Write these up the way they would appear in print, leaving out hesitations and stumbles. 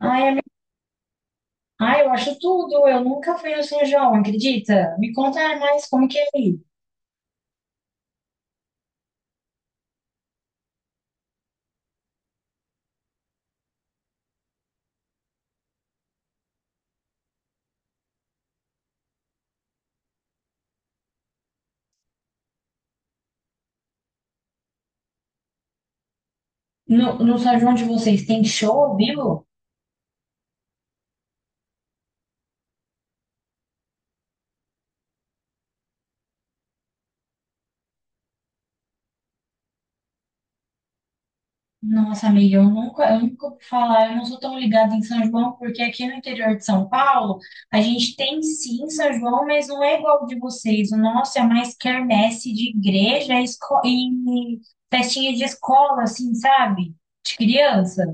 Ai, ai, eu acho tudo. Eu nunca fui no São João, acredita? Me conta mais como que é aí. No São João de vocês tem show ao vivo? Nossa, amiga, eu nunca ouvi falar. Eu não sou tão ligada em São João, porque aqui no interior de São Paulo, a gente tem sim São João, mas não é igual o de vocês. O nosso é mais quermesse de igreja e festinha de escola, assim, sabe? De criança.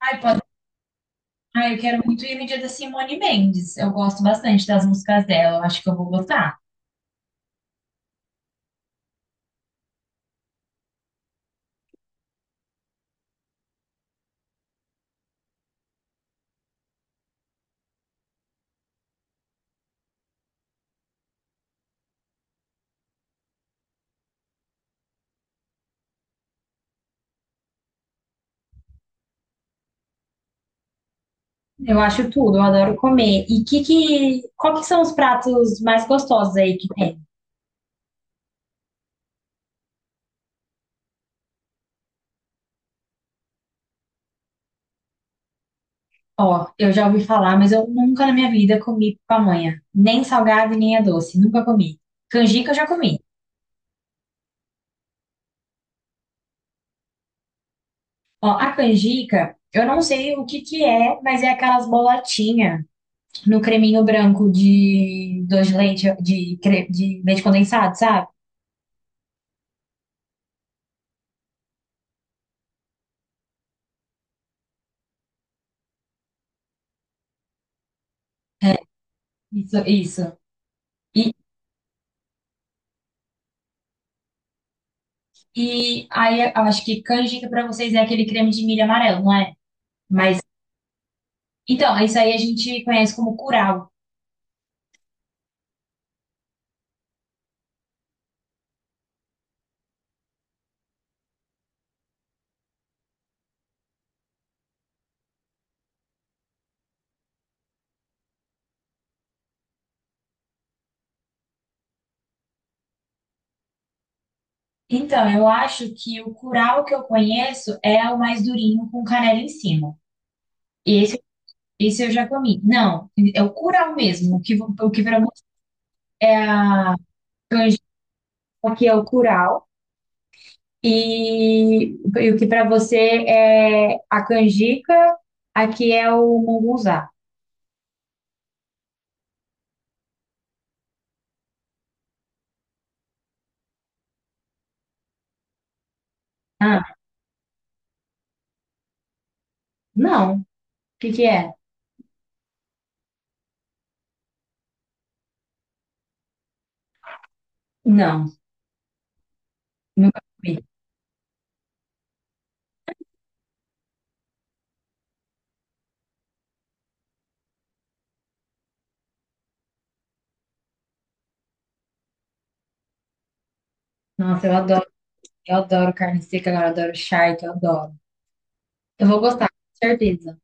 Ai, ah, eu quero muito ir no dia da Simone Mendes. Eu gosto bastante das músicas dela. Eu acho que eu vou gostar. Eu acho tudo, eu adoro comer. E qual que são os pratos mais gostosos aí que tem? Ó, eu já ouvi falar, mas eu nunca na minha vida comi pamonha. Nem salgado e nem a doce. Nunca comi. Canjica eu já comi. Ó, a canjica, eu não sei o que que é, mas é aquelas bolotinhas no creminho branco de doce de leite, de leite condensado, sabe? Isso, isso. E, e aí eu acho que canjica pra vocês é aquele creme de milho amarelo, não é? Mas então, isso aí a gente conhece como curau. Então, eu acho que o curau que eu conheço é o mais durinho com canela em cima. E esse eu já comi. Não, é o curau mesmo. O que para você é a aqui é o curau. E, e o que para você é a canjica, aqui é o mungunzá. Ah, não. O que que é? Não, nunca comi. Nossa, eu adoro. Eu adoro carne seca, agora eu adoro charque, eu adoro. Eu vou gostar, com certeza.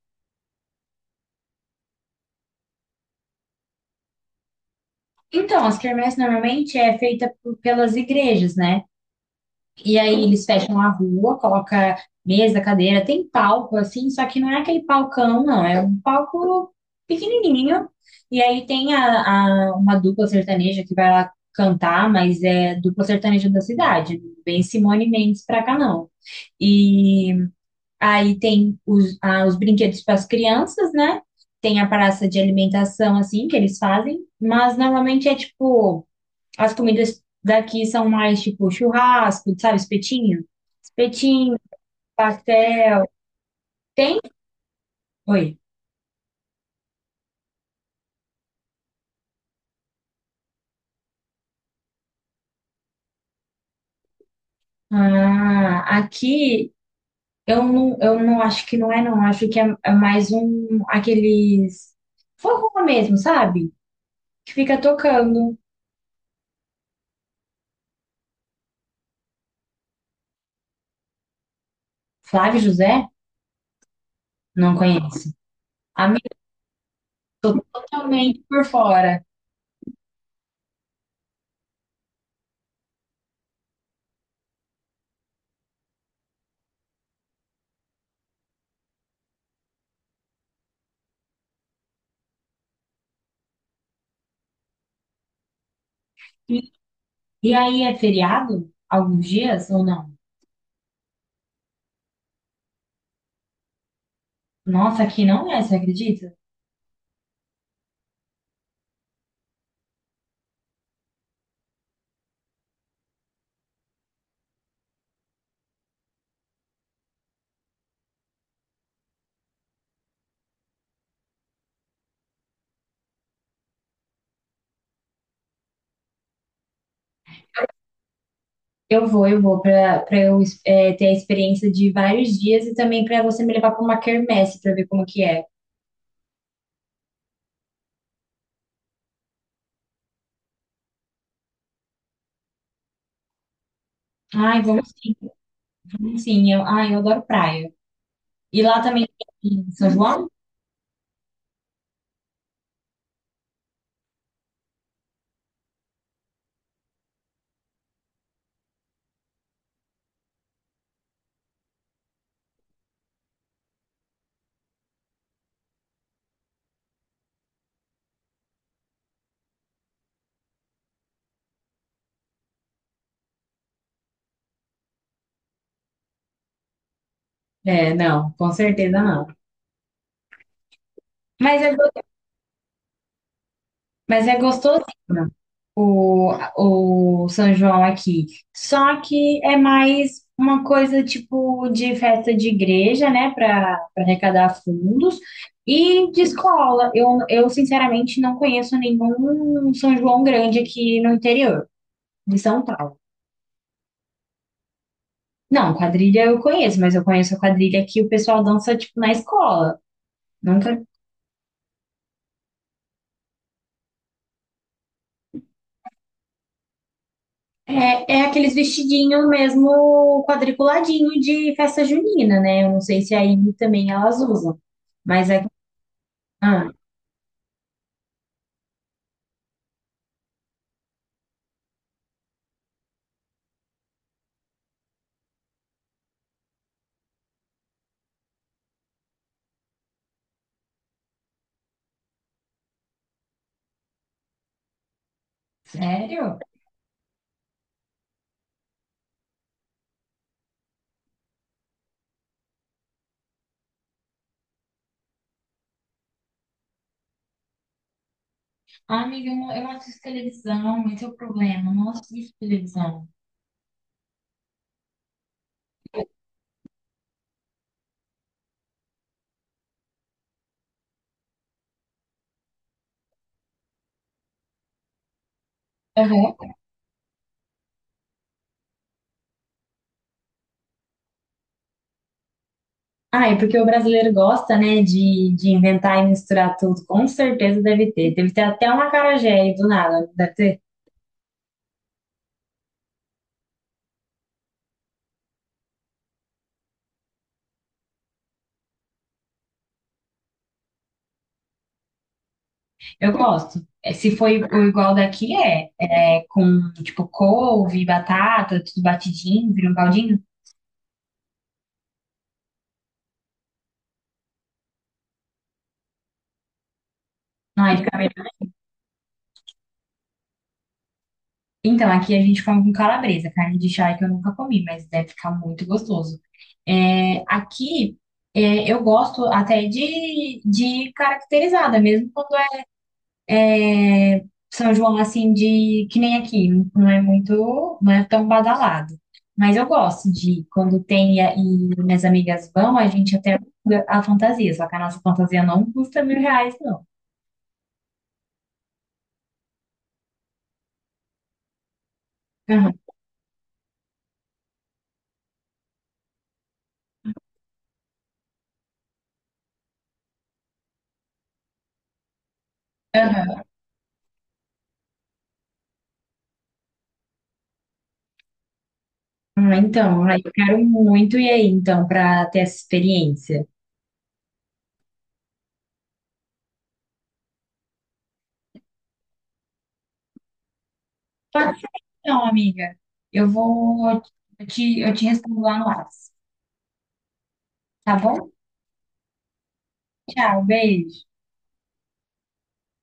Então, as quermesses normalmente é feita pelas igrejas, né? E aí eles fecham a rua, coloca mesa, cadeira, tem palco assim, só que não é aquele palcão, não, é um palco pequenininho. E aí tem uma dupla sertaneja que vai lá cantar, mas é dupla sertaneja da cidade, não vem Simone Mendes pra cá não. E aí tem os brinquedos para as crianças, né? Tem a praça de alimentação assim que eles fazem, mas normalmente é tipo as comidas daqui são mais tipo churrasco, sabe, espetinho. Petinho, pastel. Tem? Oi. Ah, aqui eu não acho que não é, não. Acho que é mais um aqueles forró mesmo, sabe? Que fica tocando. Flávio José? Não conheço. Amigo, tô totalmente por fora. E, e aí é feriado? Alguns dias ou não? Nossa, aqui não é, você acredita? Eu vou, pra eu ter a experiência de vários dias e também pra você me levar pra uma quermesse pra ver como que é. Ai, vamos sim, vamos sim. Eu adoro praia. E lá também tem em São João? É, não, com certeza não. Mas é, go- mas é gostosinho o, o São João aqui. Só que é mais uma coisa tipo de festa de igreja, né? Para arrecadar fundos. E de escola. Eu, sinceramente, não conheço nenhum São João grande aqui no interior de São Paulo. Não, quadrilha eu conheço, mas eu conheço a quadrilha que o pessoal dança, tipo, na escola. Nunca. É aqueles vestidinhos mesmo quadriculadinho de festa junina, né? Eu não sei se aí também elas usam. Mas é. Ah, sério? Ah, amiga, eu não assisto televisão, esse é o problema, eu não assisto televisão. Aham. Ah, é porque o brasileiro gosta, né, de inventar e misturar tudo. Com certeza deve ter. Deve ter até um acarajé aí do nada. Deve ter. Eu gosto. É, se foi o igual daqui, é. É com, tipo, couve, batata, tudo batidinho, vira um baldinho. Ai, fica melhor. Então, aqui a gente come com calabresa, carne de charque eu nunca comi, mas deve ficar muito gostoso. É, aqui, eu gosto até de caracterizada, mesmo quando São João, assim, de que nem aqui, não é muito, não é tão badalado. Mas eu gosto de ir quando tem, e minhas amigas vão, a gente até aluga a fantasia, só que a nossa fantasia não custa 1.000 reais, não. Aham, aham. Ah, então, aí eu quero muito ir aí, então, para ter essa experiência. Pode ser, então, amiga. Eu vou, eu te respondo lá no WhatsApp, tá bom? Tchau, beijo.